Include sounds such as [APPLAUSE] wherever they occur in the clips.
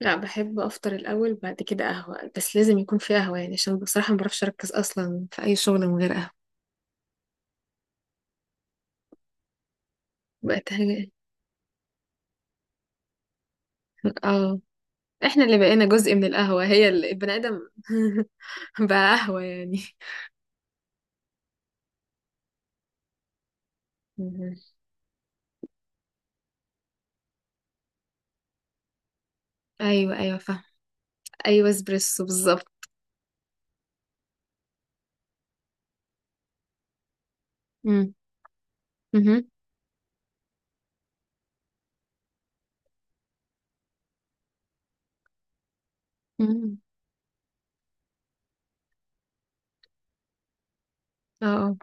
لا، بحب افطر الاول بعد كده قهوه، بس لازم يكون في قهوه، يعني عشان بصراحه ما بعرفش اركز اصلا في اي شغل من غير قهوه. بقت حاجه. اه. احنا اللي بقينا جزء من القهوه، هي البني ادم. [LAUGHS] بقى قهوه يعني. مهم. ايوه، ايوه، فاهم. ايوه، اسبريسو بالظبط. مم. مهم. مم. اه، اه.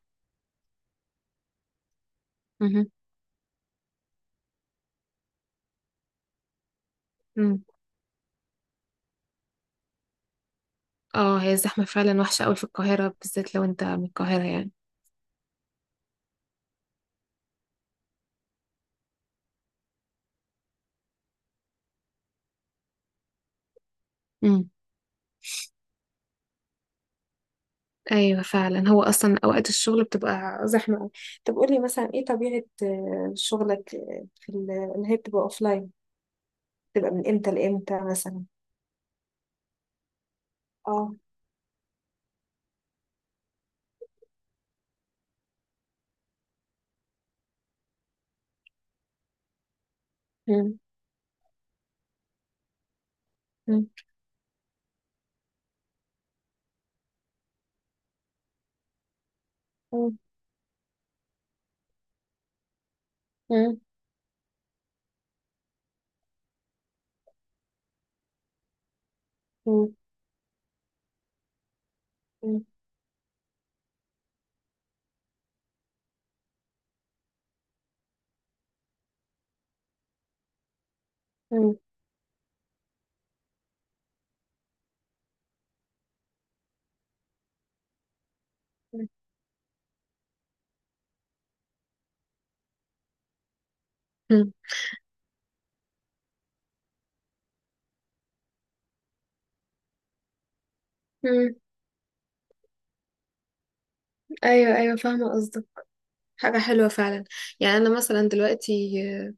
مهم. مم. اه، هي الزحمه فعلا وحشه قوي في القاهره، بالذات لو انت من القاهره يعني. ايوه فعلا، هو اصلا اوقات الشغل بتبقى زحمه قوي. طب قولي مثلا ايه طبيعه شغلك في اللي هي بتبقى اوفلاين، بتبقى من امتى لامتى مثلا؟ اه. مم. مم. مم. مم. مم. مم. مم. مم. مم. ايوه، ايوه، فاهمه قصدك. حاجه حلوه فعلا. يعني انا مثلا دلوقتي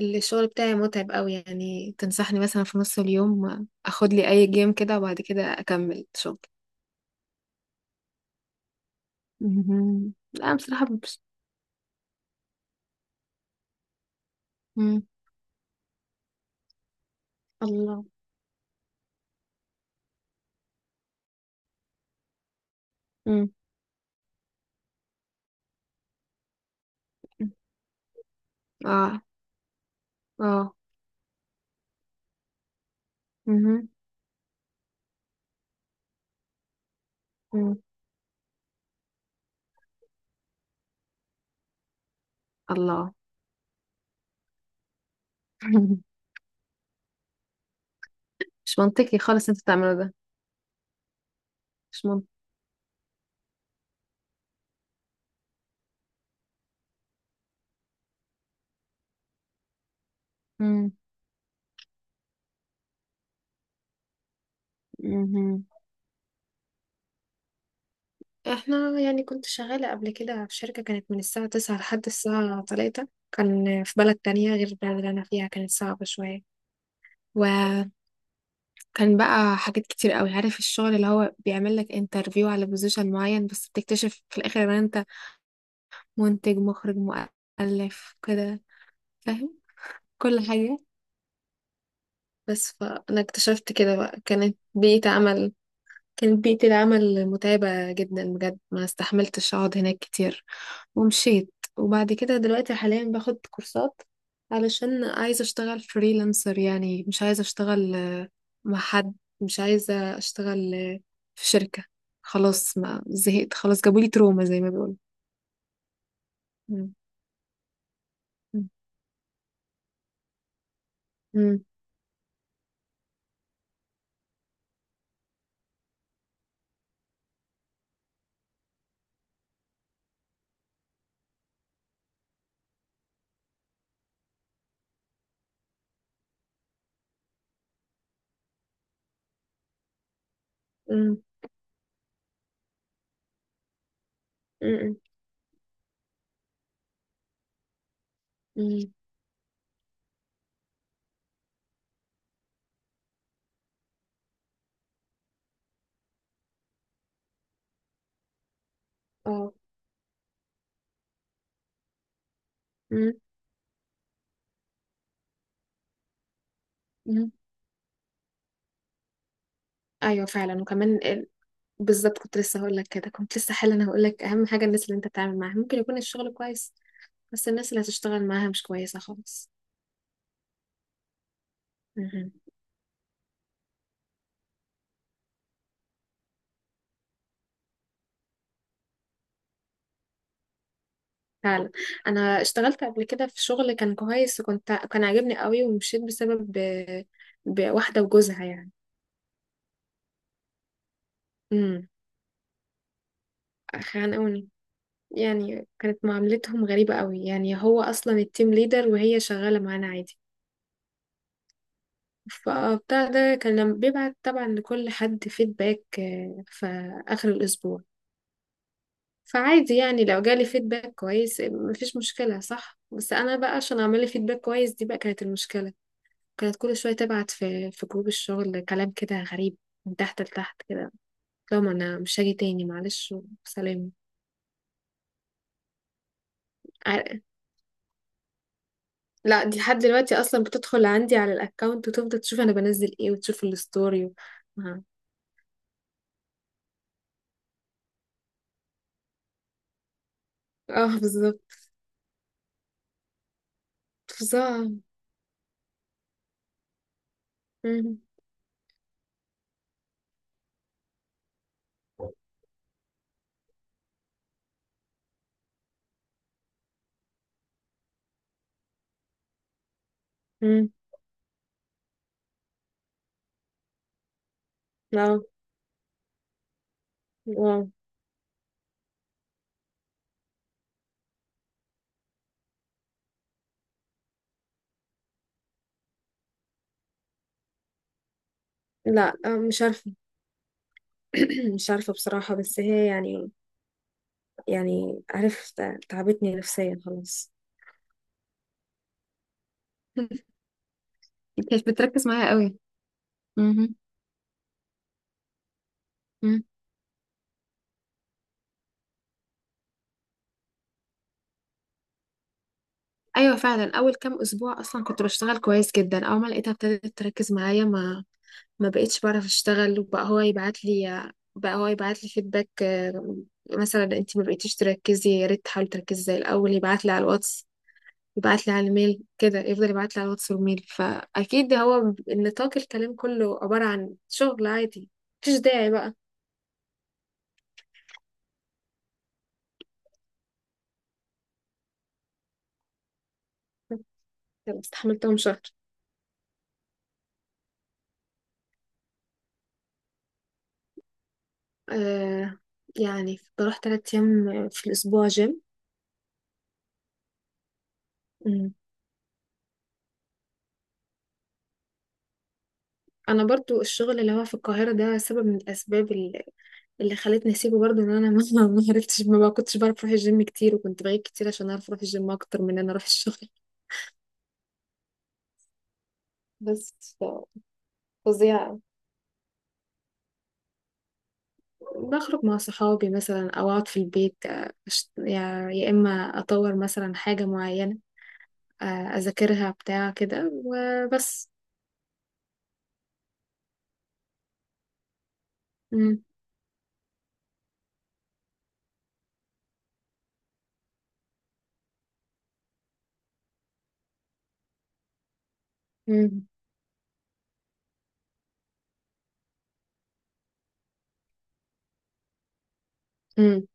الشغل بتاعي متعب قوي، يعني تنصحني مثلا في نص اليوم اخد لي اي جيم كده وبعد كده اكمل شغل؟ مهم. لا أنا بصراحه مبسوطة. مم. الله. اه، اه. مهم. مم. الله. [LAUGHS] مش منطقي خالص انت تعمله ده. مش منطقي. مم. مهم. احنا يعني كنت شغالة قبل كده في شركة، كانت من الساعة 9 لحد الساعة 3، كان في بلد تانية غير البلد اللي أنا فيها، كانت صعبة شوية. وكان بقى حاجات كتير قوي، عارف الشغل اللي هو بيعمل لك انترفيو على بوزيشن معين، بس بتكتشف في الآخر ان انت منتج مخرج مؤلف كده. فاهم. كل حاجة. بس فأنا اكتشفت كده، بقى كانت بيئة عمل، كانت بيئة العمل متعبة جدا بجد، ما استحملتش أقعد هناك كتير ومشيت. وبعد كده دلوقتي حاليا باخد كورسات، علشان عايزة أشتغل فريلانسر، يعني مش عايزة أشتغل مع حد، مش عايزة أشتغل في شركة. خلاص ما زهقت، خلاص جابولي تروما زي ما بيقولوا. مم. مم. مم. مم. مم. مم. اه. مم. مم. ايوه فعلا، وكمان بالظبط، كنت لسه حالا هقول لك اهم حاجه الناس اللي انت بتتعامل معاها، ممكن يكون الشغل كويس بس الناس اللي هتشتغل معاها مش كويسه خالص. مهم. فعلا. انا اشتغلت قبل كده في شغل كان كويس، كان عاجبني قوي، ومشيت بسبب بواحده وجوزها يعني. امم. خانقوني. يعني كانت معاملتهم غريبه قوي، يعني هو اصلا التيم ليدر وهي شغاله معانا عادي. فبتاع ده كان لما بيبعت طبعا لكل حد فيدباك في اخر الاسبوع. فعادي، يعني لو جالي فيدباك كويس مفيش مشكلة، صح؟ بس أنا بقى عشان أعمل لي فيدباك كويس، دي بقى كانت المشكلة. كانت كل شوية تبعت في جروب الشغل كلام كده غريب، من تحت لتحت كده. لو ما أنا مش هاجي تاني معلش، وسلام. ع- لا، دي لحد دلوقتي أصلا بتدخل عندي على الأكاونت وتفضل تشوف أنا بنزل إيه وتشوف الستوري و. اه. آه، بالظبط. فظاع. مم. مم. لا. واو. لا. مش عارفة. [CLEARS THROAT] مش عارفة بصراحة، بس هي يعني، يعني عارف تعبتني نفسيا خلاص. [LAUGHS] كانت بتركز معايا قوي. مهم. مم. ايوه فعلا، اول كام اسبوع اصلا كنت بشتغل كويس جدا، اول ما لقيتها ابتدت تركز معايا، ما بقيتش بعرف اشتغل، وبقى هو يبعت لي، فيدباك. مثلا انت ما بقيتيش تركزي، يا ريت تحاولي تركزي زي الاول. يبعت لي على الواتس، يبعت لي على الميل، كده يفضل يبعت لي على الواتس والميل، فاكيد هو النطاق الكلام كله عبارة عن شغل عادي، مفيش داعي بقى. استحملتهم شهر. آه. يعني بروح 3 أيام في الأسبوع جيم. مم. أنا برضو الشغل اللي هو في القاهرة ده سبب من الأسباب اللي خلتني أسيبه، برضو إن أنا ما [LAUGHS] ما عرفتش، ما بقى- كنتش بعرف أروح الجيم كتير، وكنت بغيب كتير عشان أعرف أروح الجيم أكتر من إن أنا أروح الشغل. [LAUGHS] بس ف- فظيعة. بخرج مع صحابي مثلا، أو أقعد في البيت، يا إما أطور مثلا حاجة معينة، أذاكرها بتاع كده وبس. مم. مم.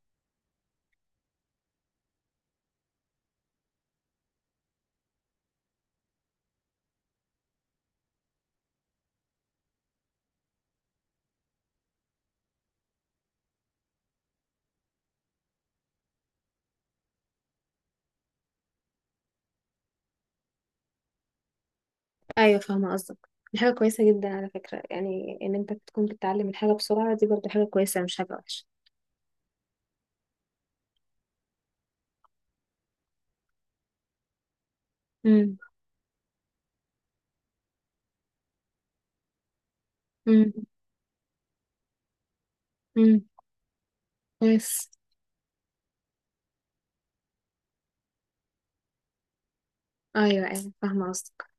ايوه فاهمه قصدك. دي حاجه كويسه جدا على فكره، يعني ان انت تكون بتتعلم الحاجه بسرعه، دي برضه حاجه كويسه مش حاجه وحشه. امم. امم. امم. كويس. ايوه، ايوه، فاهمه قصدك.